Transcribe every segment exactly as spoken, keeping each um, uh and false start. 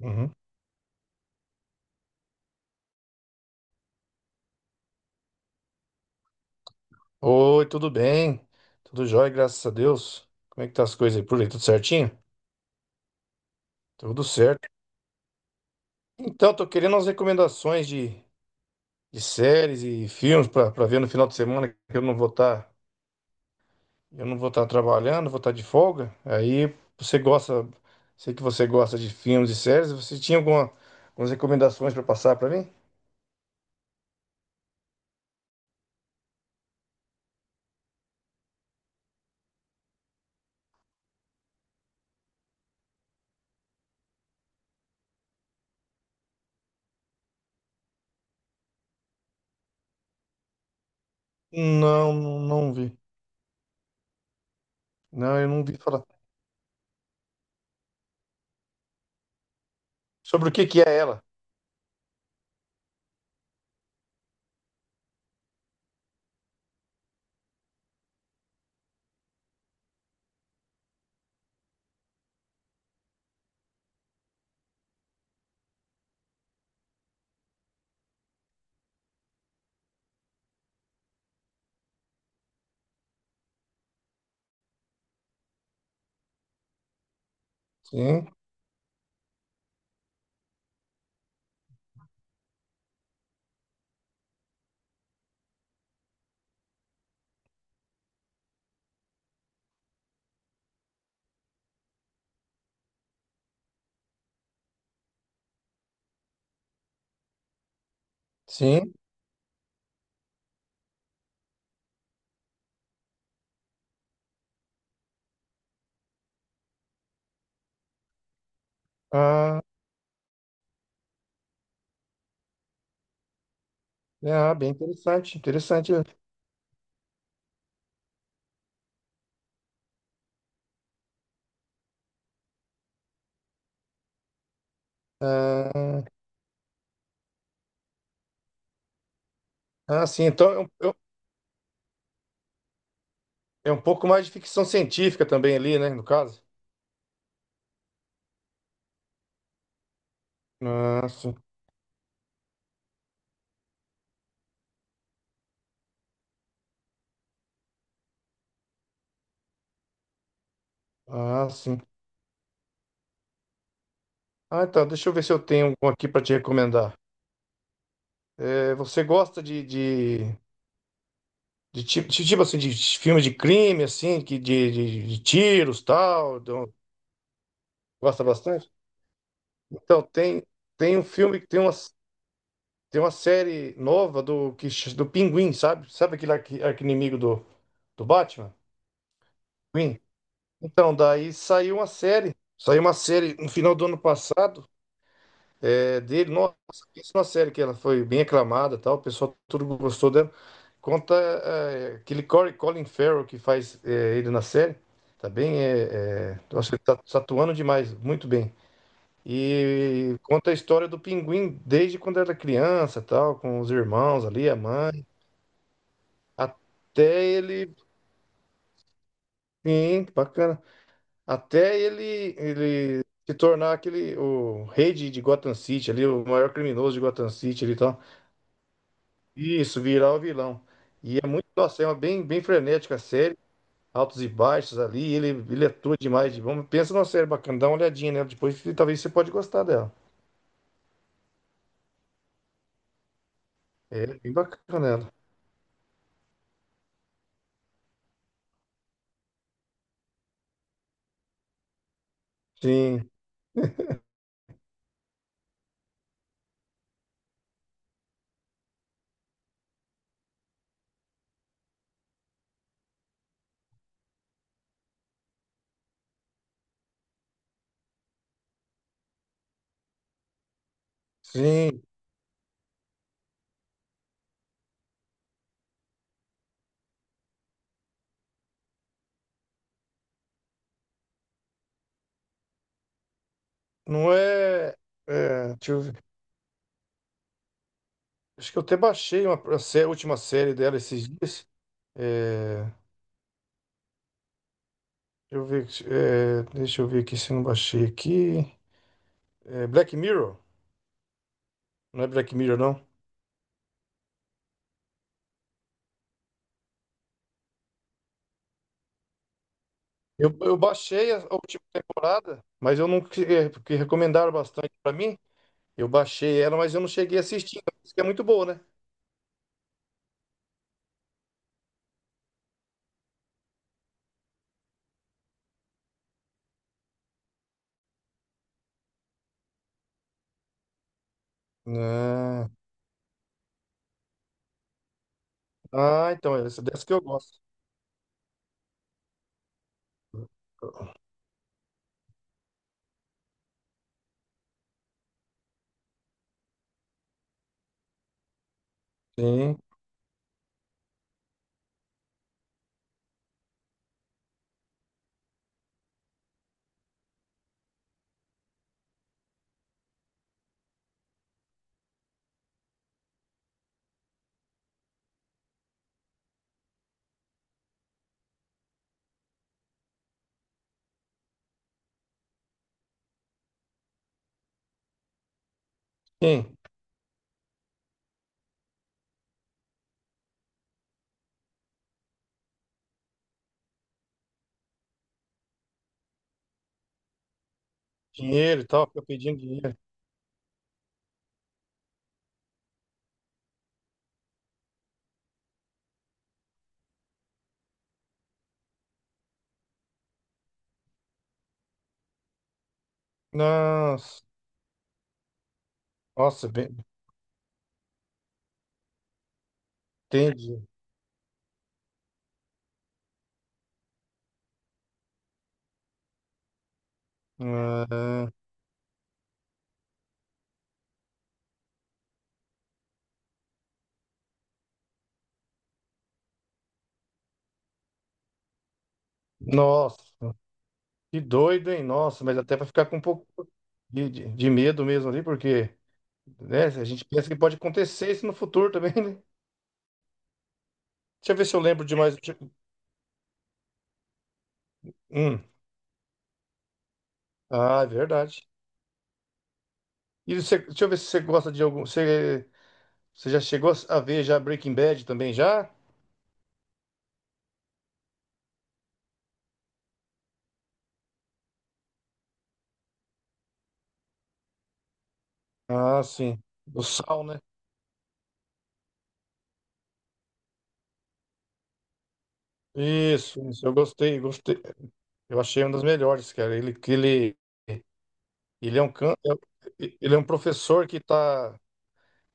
Uhum. Oi, tudo bem? Tudo jóia, graças a Deus. Como é que tá as coisas aí por aí? Tudo certinho? Tudo certo. Então, tô querendo umas recomendações de, de séries e filmes pra pra ver no final de semana que eu não vou estar, eu não vou estar trabalhando, vou estar de folga. Aí você gosta, sei que você gosta de filmes e séries, você tinha alguma, algumas recomendações pra passar pra mim? Não, não, não vi. Não, eu não vi falar. Sobre o que que é ela? Sim, sim. Ah, é, ah, bem interessante, interessante. Ah, ah, sim. Então é um, é um é um pouco mais de ficção científica também ali, né? No caso. Ah, sim. Ah, sim. Ah, então, deixa eu ver se eu tenho algum aqui para te recomendar. É, você gosta de, de, de tipo, de tipo assim, de filme de crime, assim, que de, de, de tiros tal? De um- gosta bastante? Então, tem, tem um filme, que tem uma, tem uma série nova do, que, ch- do Pinguim, sabe? Sabe aquele arqui- arqui-inimigo do, do Batman? Pinguim? Então, daí saiu uma série. Saiu uma série no final do ano passado, é, dele. Nossa, isso é uma série que ela foi bem aclamada, e tal. O pessoal tudo gostou dela. Conta é, aquele Corey Colin Farrell que faz é, ele na série. Tá bem, é, é, nossa, ele tá, tá atuando demais, muito bem. E conta a história do Pinguim desde quando era criança, tal, com os irmãos ali, a mãe, até ele. Sim, bacana. Até ele, ele se tornar aquele, o rei de, de Gotham City ali, o maior criminoso de Gotham City ali e tal. Isso, virar o vilão. E é muito, nossa, é uma bem, bem frenética a série, altos e baixos ali, ele, ele atua demais. De bom. Pensa numa série bacana, dá uma olhadinha nela depois, e talvez você pode gostar dela. É bem bacana ela. Sim, sim. Não é, é, deixa eu ver. Acho que eu até baixei uma, a sé- última série dela esses dias. É, deixa eu ver, é, deixa eu ver aqui se eu não baixei aqui. É, Black Mirror? Não é Black Mirror, não. Eu, eu baixei a a última temporada, mas eu não. Que- é, porque recomendaram bastante pra mim. Eu baixei ela, mas eu não cheguei a assistir. Isso que é muito boa, né? Ah, ah, então, é essa dessa que eu gosto. Sim, sim. Dinheiro e tal, fica pedindo dinheiro. Nossa, nossa, bem, entendi. Ah, nossa. Que doido, hein? Nossa, mas até para ficar com um pouco de, de, de medo mesmo ali, porque, né, a gente pensa que pode acontecer isso no futuro também, né? Deixa eu ver se eu lembro de mais. Hum. Ah, é verdade. E você, deixa eu ver se você gosta de algum. Você, você já chegou a ver já Breaking Bad também já? Ah, sim. O Sal, né? Isso, isso, eu gostei, gostei. Eu achei uma das melhores, cara. Ele, que ele, ele é um can... ele é um professor que tá,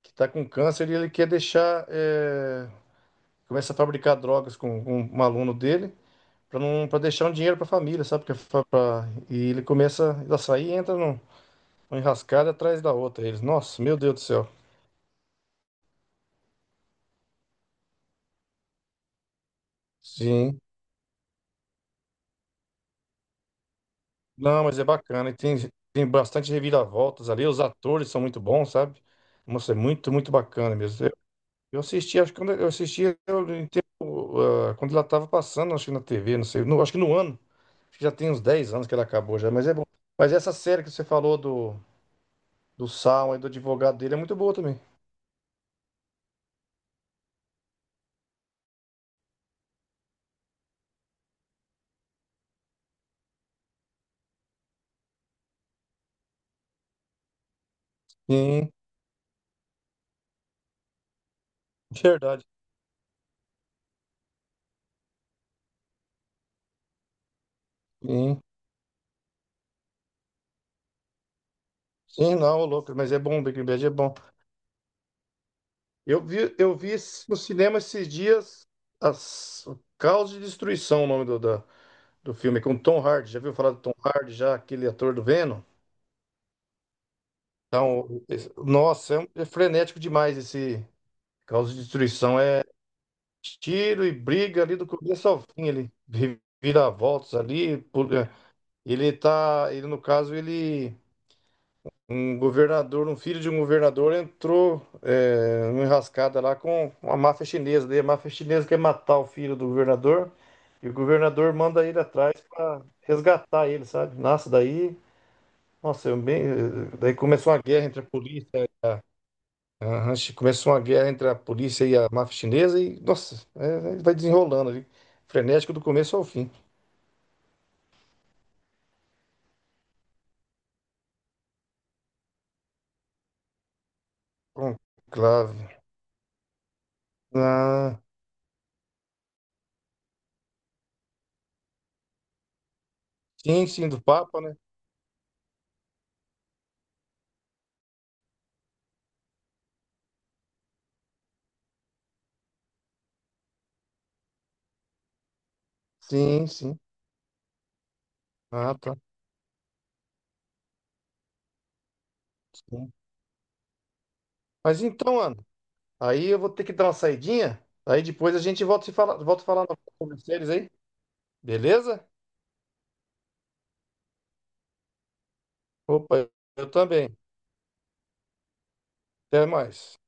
que tá com câncer e ele quer deixar. Eh, começa a fabricar drogas com, com um aluno dele para não para deixar um dinheiro para a família, sabe? Porque fa- pra- e ele começa a sair e entra num, numa enrascada atrás da outra. Eles, nossa, meu Deus do céu. Sim. Não, mas é bacana. E tem, tem bastante reviravoltas ali. Os atores são muito bons, sabe? Nossa, é muito, muito bacana mesmo. Eu, eu assisti, acho que quando eu assisti eu, em tempo, ah, quando ela estava passando, acho que na T V, não sei, no, acho que no ano. Acho que já tem uns dez anos que ela acabou já, mas é bom. Mas essa série que você falou do do Salma e do advogado dele é muito boa também. Sim, verdade. Sim, sim, não, ô louco, mas é bom, Breaking Bad é bom. Eu vi, eu vi esse- no cinema esses dias as o Caos de Destruição, o nome do, da- do filme, com Tom Hardy. Já viu falar do Tom Hardy, já aquele ator do Venom? Então, esse- nossa, é, um- é frenético demais esse Caos de Destruição. É tiro e briga ali do começo ao fim, ele vira voltas ali. pula- Ele tá, ele no caso, ele um governador, um filho de um governador entrou é, numa enrascada lá com a máfia chinesa. Daí a máfia chinesa quer matar o filho do governador e o governador manda ele atrás para resgatar ele, sabe? Nossa, daí, nossa, eu bem, daí começou uma guerra entre a polícia e a, a- começou uma guerra entre a polícia e a máfia chinesa e, nossa, é, é, vai desenrolando ali. Frenético do começo ao fim. Conclave. Ah, sim, sim, do Papa, né? Sim, sim. Ah, tá. Mas então, Ana, aí eu vou ter que dar uma saidinha. Aí depois a gente volta a se falar, volta a falar sobre séries aí. Beleza? Opa, eu também. Até mais.